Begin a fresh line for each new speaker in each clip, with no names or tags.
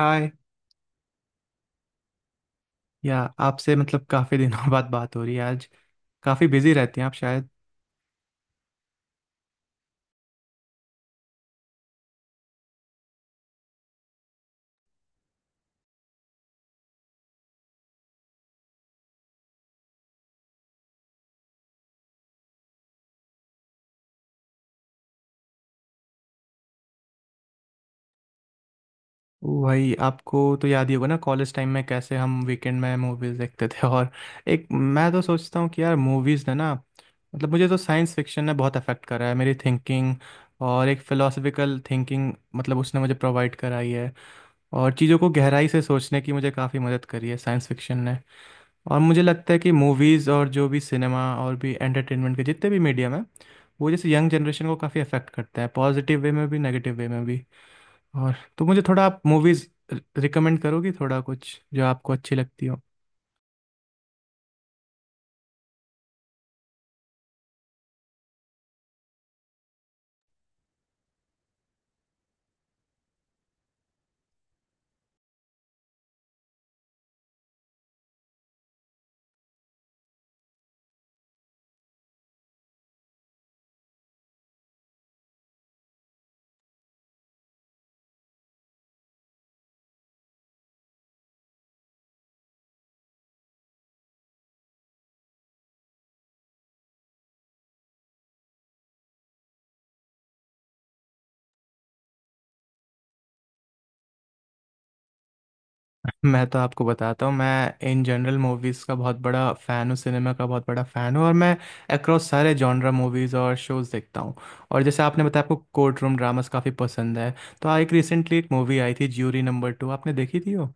हाय। आपसे मतलब काफ़ी दिनों बाद बात हो रही है आज। काफ़ी बिजी रहती हैं आप शायद। ओ भाई, आपको तो याद ही होगा ना कॉलेज टाइम में कैसे हम वीकेंड में मूवीज़ देखते थे और एक मैं तो सोचता हूँ कि यार, मूवीज़ ने ना मतलब, मुझे तो साइंस फिक्शन ने बहुत अफेक्ट करा है मेरी थिंकिंग। और एक फ़िलोसफिकल थिंकिंग मतलब उसने मुझे प्रोवाइड कराई है। और चीज़ों को गहराई से सोचने की मुझे काफ़ी मदद करी है साइंस फिक्शन। और मुझे लगता है कि मूवीज़ और जो भी सिनेमा और भी एंटरटेनमेंट के जितने भी मीडियम है, वो जैसे यंग जनरेशन को काफ़ी अफेक्ट करता है, पॉजिटिव वे में भी नेगेटिव वे में भी। और तो मुझे थोड़ा आप मूवीज़ रिकमेंड करोगी थोड़ा कुछ जो आपको अच्छी लगती हो। मैं तो आपको बताता हूँ, मैं इन जनरल मूवीज़ का बहुत बड़ा फ़ैन हूँ, सिनेमा का बहुत बड़ा फ़ैन हूँ और मैं अक्रॉस सारे जॉनरा मूवीज़ और शोज़ देखता हूँ। और जैसे आपने बताया आपको कोर्ट रूम ड्रामास काफ़ी पसंद है, तो आ एक, रिसेंटली एक मूवी आई थी ज्यूरी नंबर टू, आपने देखी थी वो?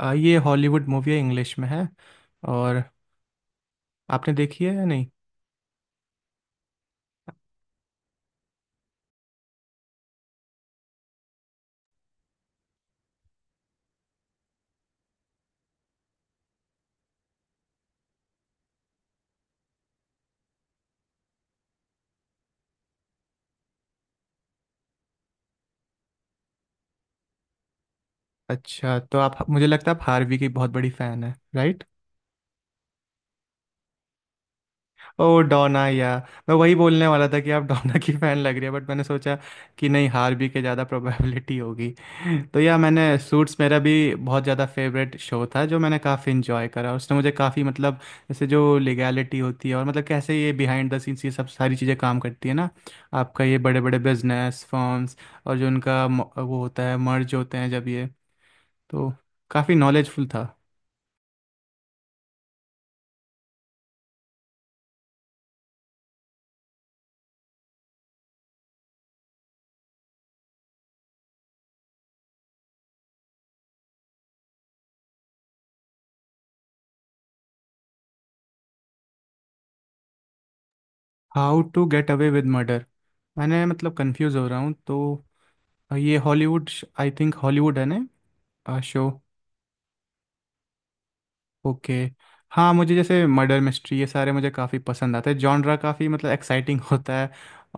ये हॉलीवुड मूवी है, इंग्लिश में है। और आपने देखी है या नहीं। अच्छा, तो आप, मुझे लगता है आप हार्वी की बहुत बड़ी फैन है, राइट। ओ डोना। मैं वही बोलने वाला था कि आप डोना की फैन लग रही है, बट मैंने सोचा कि नहीं, हार भी के ज़्यादा प्रोबेबिलिटी होगी। तो मैंने सूट्स, मेरा भी बहुत ज़्यादा फेवरेट शो था, जो मैंने काफ़ी इंजॉय करा। उसने मुझे काफ़ी मतलब जैसे जो लीगैलिटी होती है और मतलब कैसे ये बिहाइंड द सीन्स, ये सब सारी चीज़ें काम करती है ना, आपका ये बड़े बड़े बिजनेस फर्म्स और जो उनका वो होता है मर्ज होते हैं जब ये, तो काफ़ी नॉलेजफुल था। How to get away with murder, मैंने मतलब कंफ्यूज हो रहा हूँ तो। और ये हॉलीवुड, आई थिंक हॉलीवुड है ना शो। ओके। हाँ, मुझे जैसे मर्डर मिस्ट्री, ये सारे मुझे काफ़ी पसंद आते हैं जॉनरा, काफ़ी मतलब एक्साइटिंग होता है।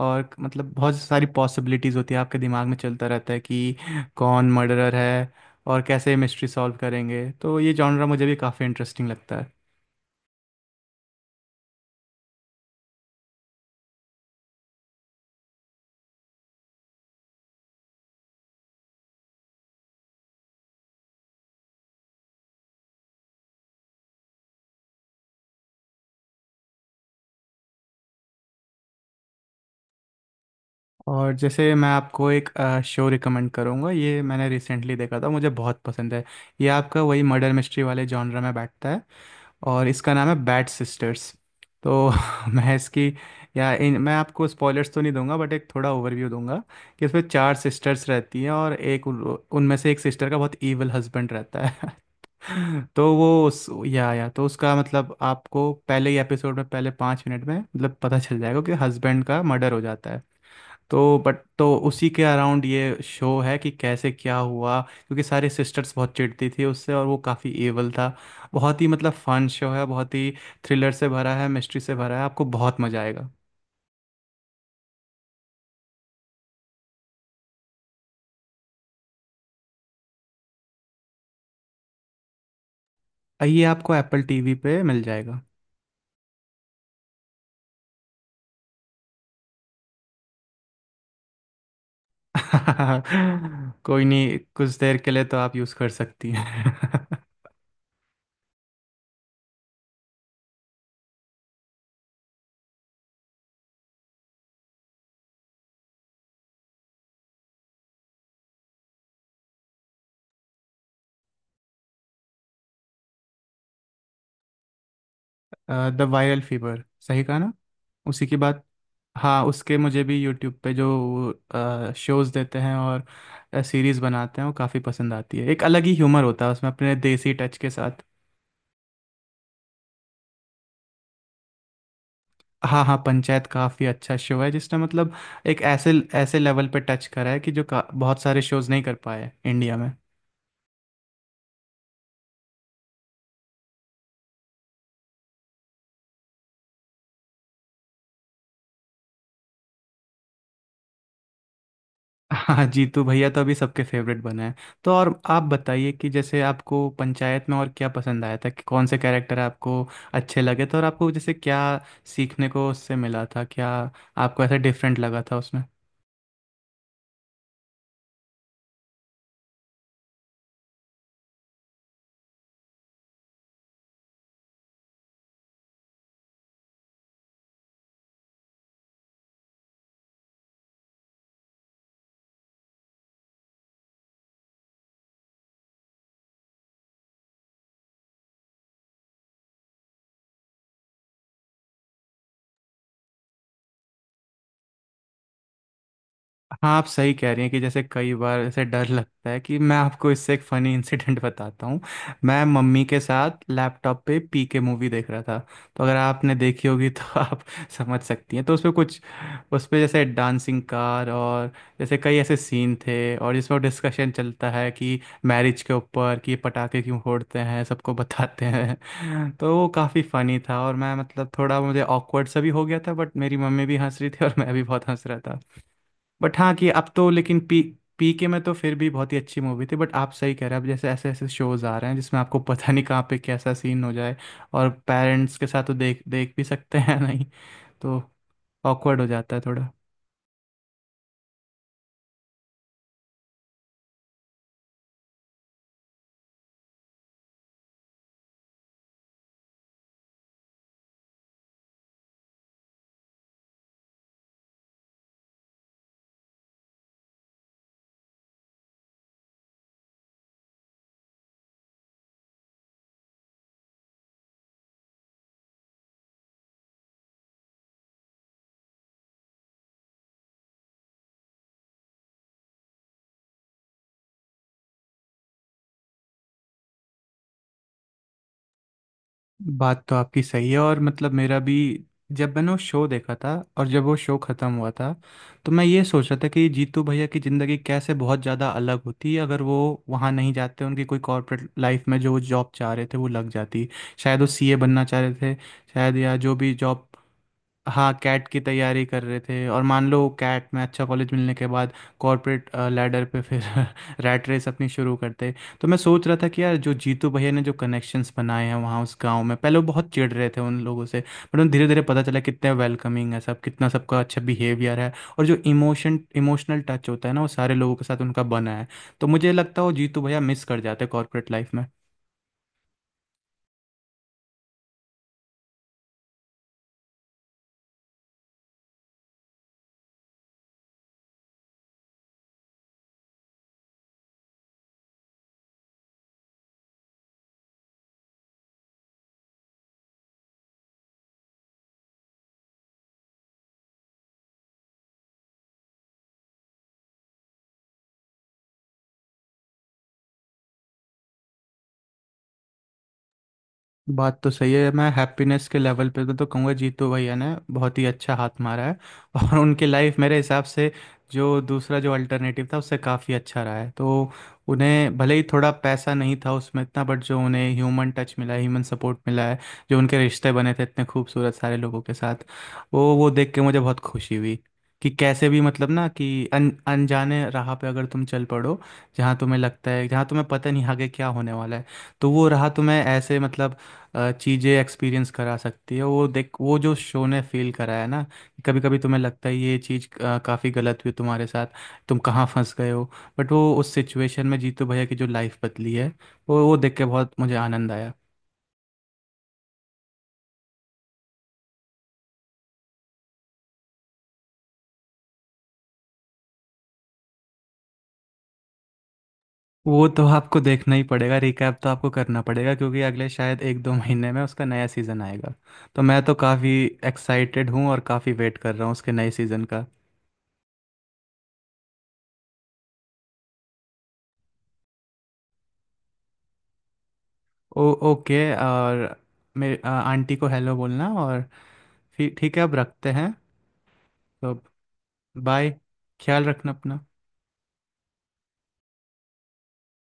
और मतलब बहुत सारी पॉसिबिलिटीज़ होती है, आपके दिमाग में चलता रहता है कि कौन मर्डरर है और कैसे मिस्ट्री सॉल्व करेंगे। तो ये जॉनरा मुझे भी काफ़ी इंटरेस्टिंग लगता है। और जैसे मैं आपको एक शो रिकमेंड करूँगा, ये मैंने रिसेंटली देखा था, मुझे बहुत पसंद है। ये आपका वही मर्डर मिस्ट्री वाले जॉनरा में बैठता है, और इसका नाम है बैट सिस्टर्स। तो मैं इसकी या इन मैं आपको स्पॉयलर्स तो नहीं दूंगा, बट एक थोड़ा ओवरव्यू दूंगा कि इसमें चार सिस्टर्स रहती हैं और एक उनमें से एक सिस्टर का बहुत ईवल हस्बैंड रहता है। तो वो उस, या तो उसका मतलब आपको पहले ही एपिसोड में पहले 5 मिनट में मतलब पता चल जाएगा कि हस्बैंड का मर्डर हो जाता है। तो बट तो उसी के अराउंड ये शो है कि कैसे क्या हुआ, क्योंकि सारे सिस्टर्स बहुत चिढ़ती थी उससे और वो काफ़ी एवल था। बहुत ही मतलब फन शो है, बहुत ही थ्रिलर से भरा है, मिस्ट्री से भरा है, आपको बहुत मज़ा आएगा। ये आपको एप्पल टीवी पे मिल जाएगा। कोई नहीं, कुछ देर के लिए तो आप यूज़ कर सकती हैं। द वायरल फीवर, सही कहा ना, उसी की बात। हाँ, उसके मुझे भी यूट्यूब पे जो शोज देते हैं और सीरीज बनाते हैं, वो काफ़ी पसंद आती है। एक अलग ही ह्यूमर होता है उसमें, अपने देसी टच के साथ। हाँ हाँ, पंचायत काफ़ी अच्छा शो है जिसने मतलब एक ऐसे ऐसे लेवल पे टच करा है कि जो बहुत सारे शोज नहीं कर पाए इंडिया में। हाँ, जीतू भैया तो अभी सबके फेवरेट बना है। तो और आप बताइए कि जैसे आपको पंचायत में और क्या पसंद आया था, कि कौन से कैरेक्टर आपको अच्छे लगे थे और आपको जैसे क्या सीखने को उससे मिला था, क्या आपको ऐसा डिफरेंट लगा था उसमें। हाँ, आप सही कह रही हैं कि जैसे कई बार ऐसे डर लगता है, कि मैं आपको इससे एक फ़नी इंसिडेंट बताता हूँ। मैं मम्मी के साथ लैपटॉप पे पी के मूवी देख रहा था, तो अगर आपने देखी होगी तो आप समझ सकती हैं। तो उसमें कुछ, उसमें जैसे डांसिंग कार और जैसे कई ऐसे सीन थे और जिसमें डिस्कशन चलता है कि मैरिज के ऊपर कि पटाखे क्यों फोड़ते हैं, सबको बताते हैं तो वो काफ़ी फ़नी था और मैं मतलब थोड़ा मुझे ऑकवर्ड सा भी हो गया था, बट मेरी मम्मी भी हंस रही थी और मैं भी बहुत हंस रहा था। बट हाँ कि अब तो, लेकिन पी पी के में तो फिर भी बहुत ही अच्छी मूवी थी। बट आप सही कह रहे हैं, अब जैसे ऐसे ऐसे शोज आ रहे हैं जिसमें आपको पता नहीं कहाँ पे कैसा सीन हो जाए। और पेरेंट्स के साथ तो देख देख भी सकते हैं नहीं, तो ऑकवर्ड हो जाता है थोड़ा। बात तो आपकी सही है और मतलब मेरा भी, जब मैंने वो शो देखा था और जब वो शो ख़त्म हुआ था, तो मैं ये सोच रहा था कि जीतू भैया की ज़िंदगी कैसे बहुत ज़्यादा अलग होती अगर वो वहाँ नहीं जाते, उनकी कोई कॉर्पोरेट लाइफ में जो जॉब चाह रहे थे वो लग जाती। शायद वो सीए बनना चाह रहे थे, शायद, या जो भी जॉब। हाँ, कैट की तैयारी कर रहे थे और मान लो कैट में अच्छा कॉलेज मिलने के बाद कॉर्पोरेट लैडर पे फिर रैट रेस अपनी शुरू करते। तो मैं सोच रहा था कि यार, जो जीतू भैया ने जो कनेक्शंस बनाए हैं वहाँ उस गांव में, पहले वो बहुत चिढ़ रहे थे उन लोगों से, बट उन्हें धीरे धीरे पता चला कितने वेलकमिंग है सब, कितना सबका अच्छा बिहेवियर है। और जो इमोशनल टच होता है ना, वो सारे लोगों के साथ उनका बना है। तो मुझे लगता है वो जीतू भैया मिस कर जाते कॉर्पोरेट लाइफ में। बात तो सही है, मैं हैप्पीनेस के लेवल पे तो कहूँगा जीतू भैया ने बहुत ही अच्छा हाथ मारा है और उनकी लाइफ मेरे हिसाब से जो दूसरा जो अल्टरनेटिव था उससे काफ़ी अच्छा रहा है। तो उन्हें भले ही थोड़ा पैसा नहीं था उसमें इतना, बट जो उन्हें ह्यूमन टच मिला है, ह्यूमन सपोर्ट मिला है, जो उनके रिश्ते बने थे इतने खूबसूरत सारे लोगों के साथ, वो देख के मुझे बहुत खुशी हुई। कि कैसे भी मतलब ना कि अन अनजाने राह पे अगर तुम चल पड़ो जहाँ तुम्हें लगता है, जहाँ तुम्हें पता नहीं आगे क्या होने वाला है, तो वो राह तुम्हें ऐसे मतलब चीज़ें एक्सपीरियंस करा सकती है। वो देख, वो जो शो ने फील कराया ना, कभी कभी तुम्हें लगता है ये चीज़ काफ़ी गलत हुई तुम्हारे साथ, तुम कहाँ फंस गए हो। बट वो उस सिचुएशन में जीतू भैया की जो लाइफ बदली है, वो देख के बहुत मुझे आनंद आया। वो तो आपको देखना ही पड़ेगा, रिकैप तो आपको करना पड़ेगा क्योंकि अगले शायद एक दो महीने में उसका नया सीज़न आएगा। तो मैं तो काफ़ी एक्साइटेड हूँ और काफ़ी वेट कर रहा हूँ उसके नए सीज़न का। ओ ओके। और मेरे आंटी को हेलो बोलना और फिर ठीक है अब रखते हैं। तो अब बाय। ख्याल रखना अपना।